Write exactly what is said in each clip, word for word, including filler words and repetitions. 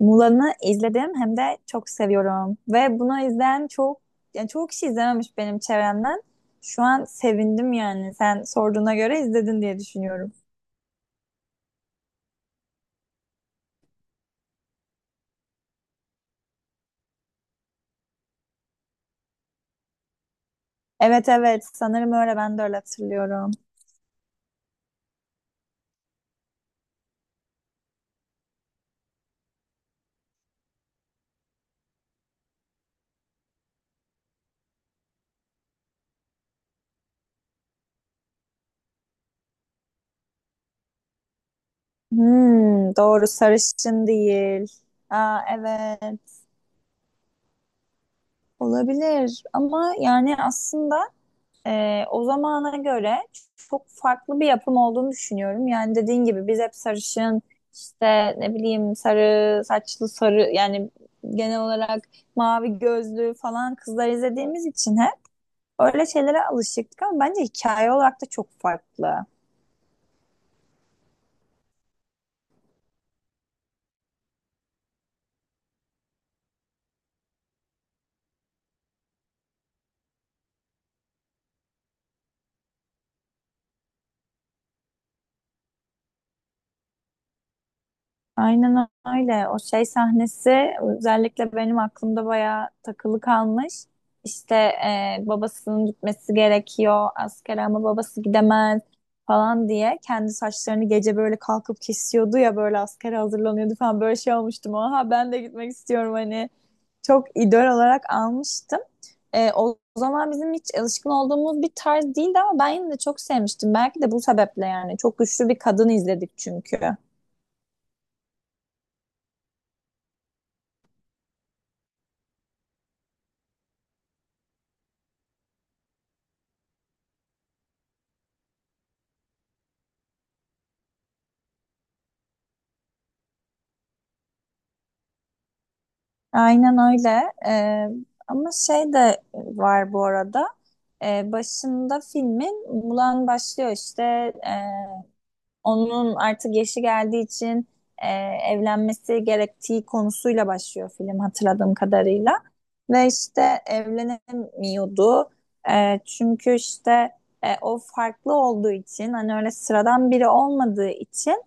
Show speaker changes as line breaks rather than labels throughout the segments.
Mulan'ı izledim hem de çok seviyorum. Ve bunu izleyen çok, yani çoğu kişi izlememiş benim çevremden. Şu an sevindim yani. Sen sorduğuna göre izledin diye düşünüyorum. Evet, evet, sanırım öyle, ben de öyle hatırlıyorum. Hmm, doğru, sarışın değil. Aa, evet olabilir ama yani aslında Ee, o zamana göre çok farklı bir yapım olduğunu düşünüyorum. Yani dediğin gibi biz hep sarışın, işte ne bileyim, sarı saçlı sarı yani genel olarak mavi gözlü falan kızlar izlediğimiz için hep öyle şeylere alışıktık ama bence hikaye olarak da çok farklı. Aynen öyle. O şey sahnesi özellikle benim aklımda bayağı takılı kalmış. İşte e, babasının gitmesi gerekiyor askere ama babası gidemez falan diye kendi saçlarını gece böyle kalkıp kesiyordu ya, böyle askere hazırlanıyordu falan, böyle şey olmuştum. Aha, ben de gitmek istiyorum hani, çok idol olarak almıştım. Ee, o zaman bizim hiç alışkın olduğumuz bir tarz değildi ama ben yine de çok sevmiştim. Belki de bu sebeple yani. Çok güçlü bir kadın izledik çünkü. Aynen öyle. Ee, ama şey de var bu arada. Ee, başında filmin Mulan başlıyor işte. E, Onun artık yaşı geldiği için e, evlenmesi gerektiği konusuyla başlıyor film hatırladığım kadarıyla. Ve işte evlenemiyordu. E, çünkü işte e, o farklı olduğu için, hani öyle sıradan biri olmadığı için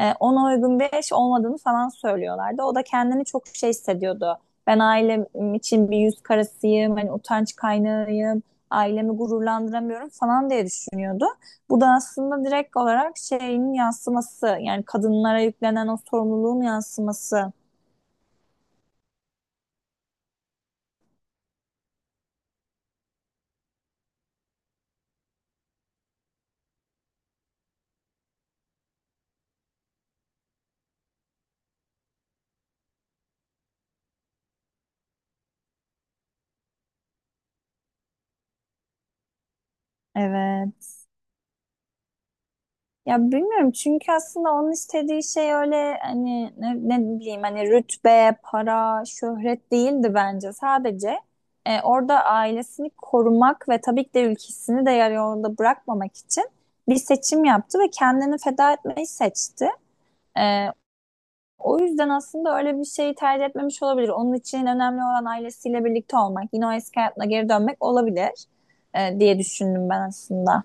e, ona uygun bir eş olmadığını falan söylüyorlardı. O da kendini çok şey hissediyordu. Ben ailem için bir yüz karasıyım, hani utanç kaynağıyım, ailemi gururlandıramıyorum falan diye düşünüyordu. Bu da aslında direkt olarak şeyin yansıması, yani kadınlara yüklenen o sorumluluğun yansıması. Evet. Ya, bilmiyorum çünkü aslında onun istediği şey öyle hani ne, ne bileyim, hani rütbe, para, şöhret değildi bence. Sadece e, orada ailesini korumak ve tabii ki de ülkesini de yarı yolda bırakmamak için bir seçim yaptı ve kendini feda etmeyi seçti. E, O yüzden aslında öyle bir şeyi tercih etmemiş olabilir. Onun için önemli olan ailesiyle birlikte olmak, yine o eski hayatına geri dönmek olabilir e, diye düşündüm ben aslında.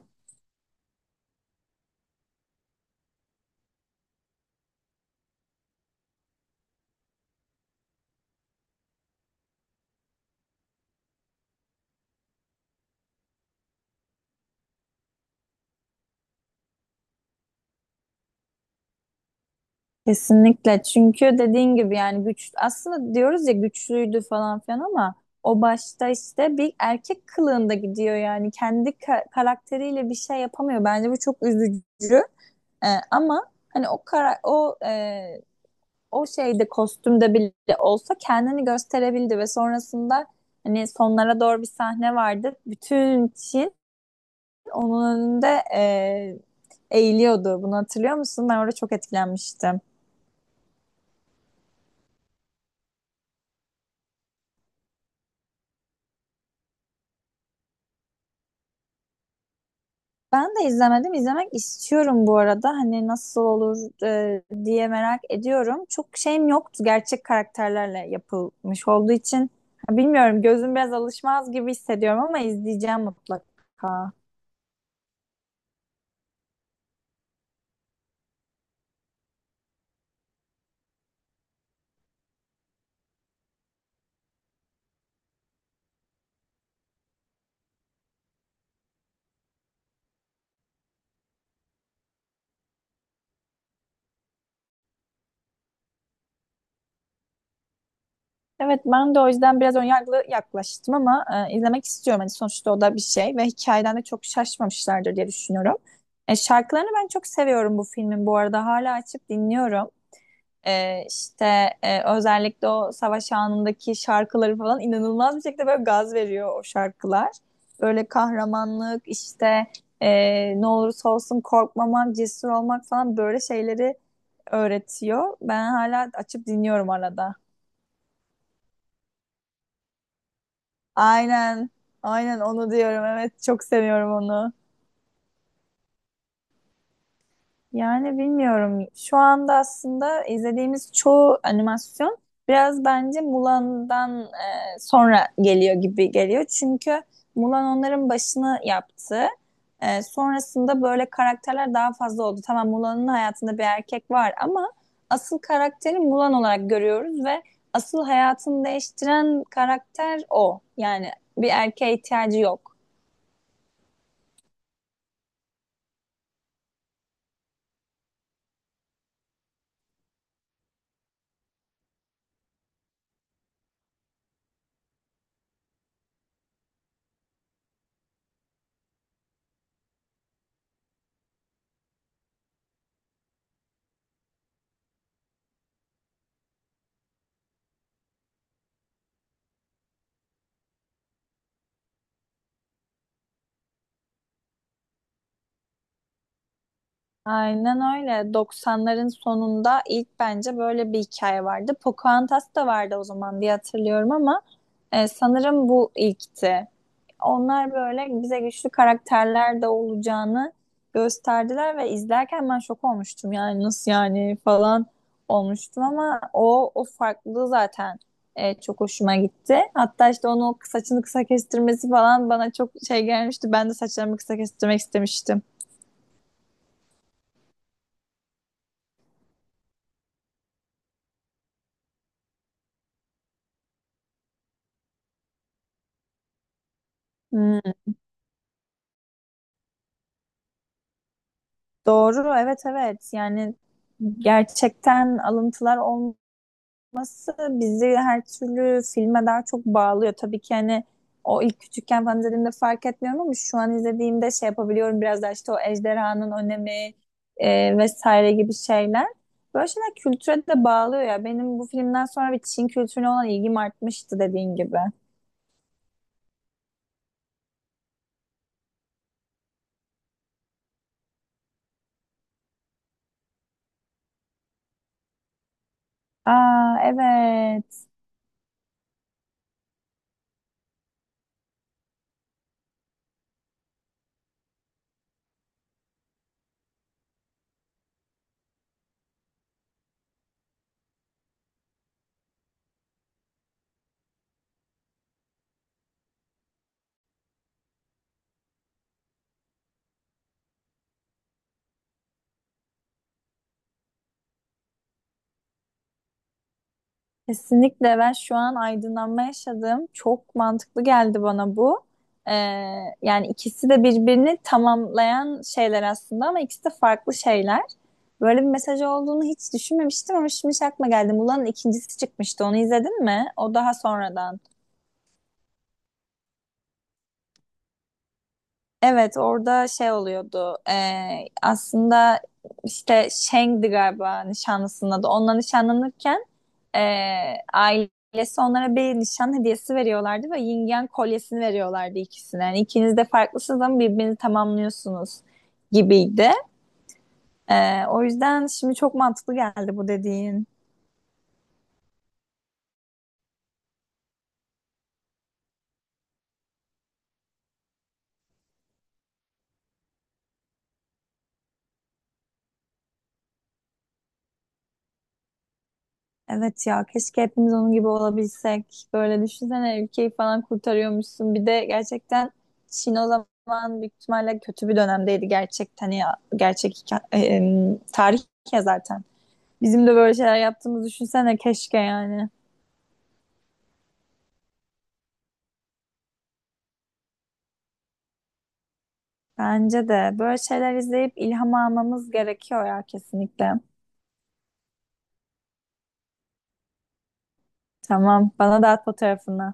Kesinlikle, çünkü dediğin gibi yani güç, aslında diyoruz ya, güçlüydü falan filan ama o başta işte bir erkek kılığında gidiyor, yani kendi ka- karakteriyle bir şey yapamıyor. Bence bu çok üzücü. E, ama hani o kara o e, o şeyde, kostümde bile olsa kendini gösterebildi ve sonrasında hani sonlara doğru bir sahne vardı. Bütün Çin onun önünde e, eğiliyordu. Bunu hatırlıyor musun? Ben orada çok etkilenmiştim. Ben de izlemedim. İzlemek istiyorum bu arada. Hani nasıl olur e, diye merak ediyorum. Çok şeyim yoktu. Gerçek karakterlerle yapılmış olduğu için. Bilmiyorum. Gözüm biraz alışmaz gibi hissediyorum ama izleyeceğim mutlaka. Evet, ben de o yüzden biraz önyargılı yaklaştım ama e, izlemek istiyorum. Hani sonuçta o da bir şey ve hikayeden de çok şaşmamışlardır diye düşünüyorum. E, şarkılarını ben çok seviyorum bu filmin bu arada. Hala açıp dinliyorum. E, işte e, özellikle o savaş anındaki şarkıları falan inanılmaz bir şekilde böyle gaz veriyor o şarkılar. Böyle kahramanlık işte, e, ne olursa olsun korkmamak, cesur olmak falan, böyle şeyleri öğretiyor. Ben hala açıp dinliyorum arada. Aynen. Aynen onu diyorum. Evet, çok seviyorum onu. Yani bilmiyorum. Şu anda aslında izlediğimiz çoğu animasyon biraz bence Mulan'dan e, sonra geliyor gibi geliyor. Çünkü Mulan onların başını yaptı. E, sonrasında böyle karakterler daha fazla oldu. Tamam, Mulan'ın hayatında bir erkek var ama asıl karakteri Mulan olarak görüyoruz ve asıl hayatını değiştiren karakter o. Yani bir erkeğe ihtiyacı yok. Aynen öyle. doksanların sonunda ilk bence böyle bir hikaye vardı. Pocahontas da vardı o zaman diye hatırlıyorum ama e, sanırım bu ilkti. Onlar böyle bize güçlü karakterler de olacağını gösterdiler ve izlerken ben şok olmuştum. Yani nasıl yani falan olmuştum ama o o farklılığı zaten e, çok hoşuma gitti. Hatta işte onun o saçını kısa kestirmesi falan bana çok şey gelmişti. Ben de saçlarımı kısa kestirmek istemiştim. Hmm. Doğru, evet, evet. Yani gerçekten alıntılar olması bizi her türlü filme daha çok bağlıyor. Tabii ki hani o ilk küçükken falan izlediğimde fark etmiyorum ama şu an izlediğimde şey yapabiliyorum biraz daha, işte o ejderhanın önemi e, vesaire gibi şeyler. Böyle şeyler kültüre de bağlıyor ya. Benim bu filmden sonra bir Çin kültürüne olan ilgim artmıştı, dediğin gibi. Aa, evet. Kesinlikle, ben şu an aydınlanma yaşadım. Çok mantıklı geldi bana bu. Ee, Yani ikisi de birbirini tamamlayan şeyler aslında ama ikisi de farklı şeyler. Böyle bir mesaj olduğunu hiç düşünmemiştim ama şimdi şey aklıma geldi. Mulan'ın ikincisi çıkmıştı. Onu izledin mi? O daha sonradan. Evet, orada şey oluyordu. Ee, aslında işte Shang'di galiba nişanlısının adı. Onunla nişanlanırken Ee, ailesi onlara bir nişan hediyesi veriyorlardı ve yin yang kolyesini veriyorlardı ikisine. Yani ikiniz de farklısınız ama birbirini tamamlıyorsunuz gibiydi. Ee, o yüzden şimdi çok mantıklı geldi bu dediğin. Evet ya, keşke hepimiz onun gibi olabilsek. Böyle düşünsene, ülkeyi falan kurtarıyormuşsun. Bir de gerçekten Çin o zaman büyük ihtimalle kötü bir dönemdeydi gerçekten ya. Gerçek hikaye- e, tarih ya zaten. Bizim de böyle şeyler yaptığımızı düşünsene keşke yani. Bence de böyle şeyler izleyip ilham almamız gerekiyor ya, kesinlikle. Tamam, bana da at fotoğrafını.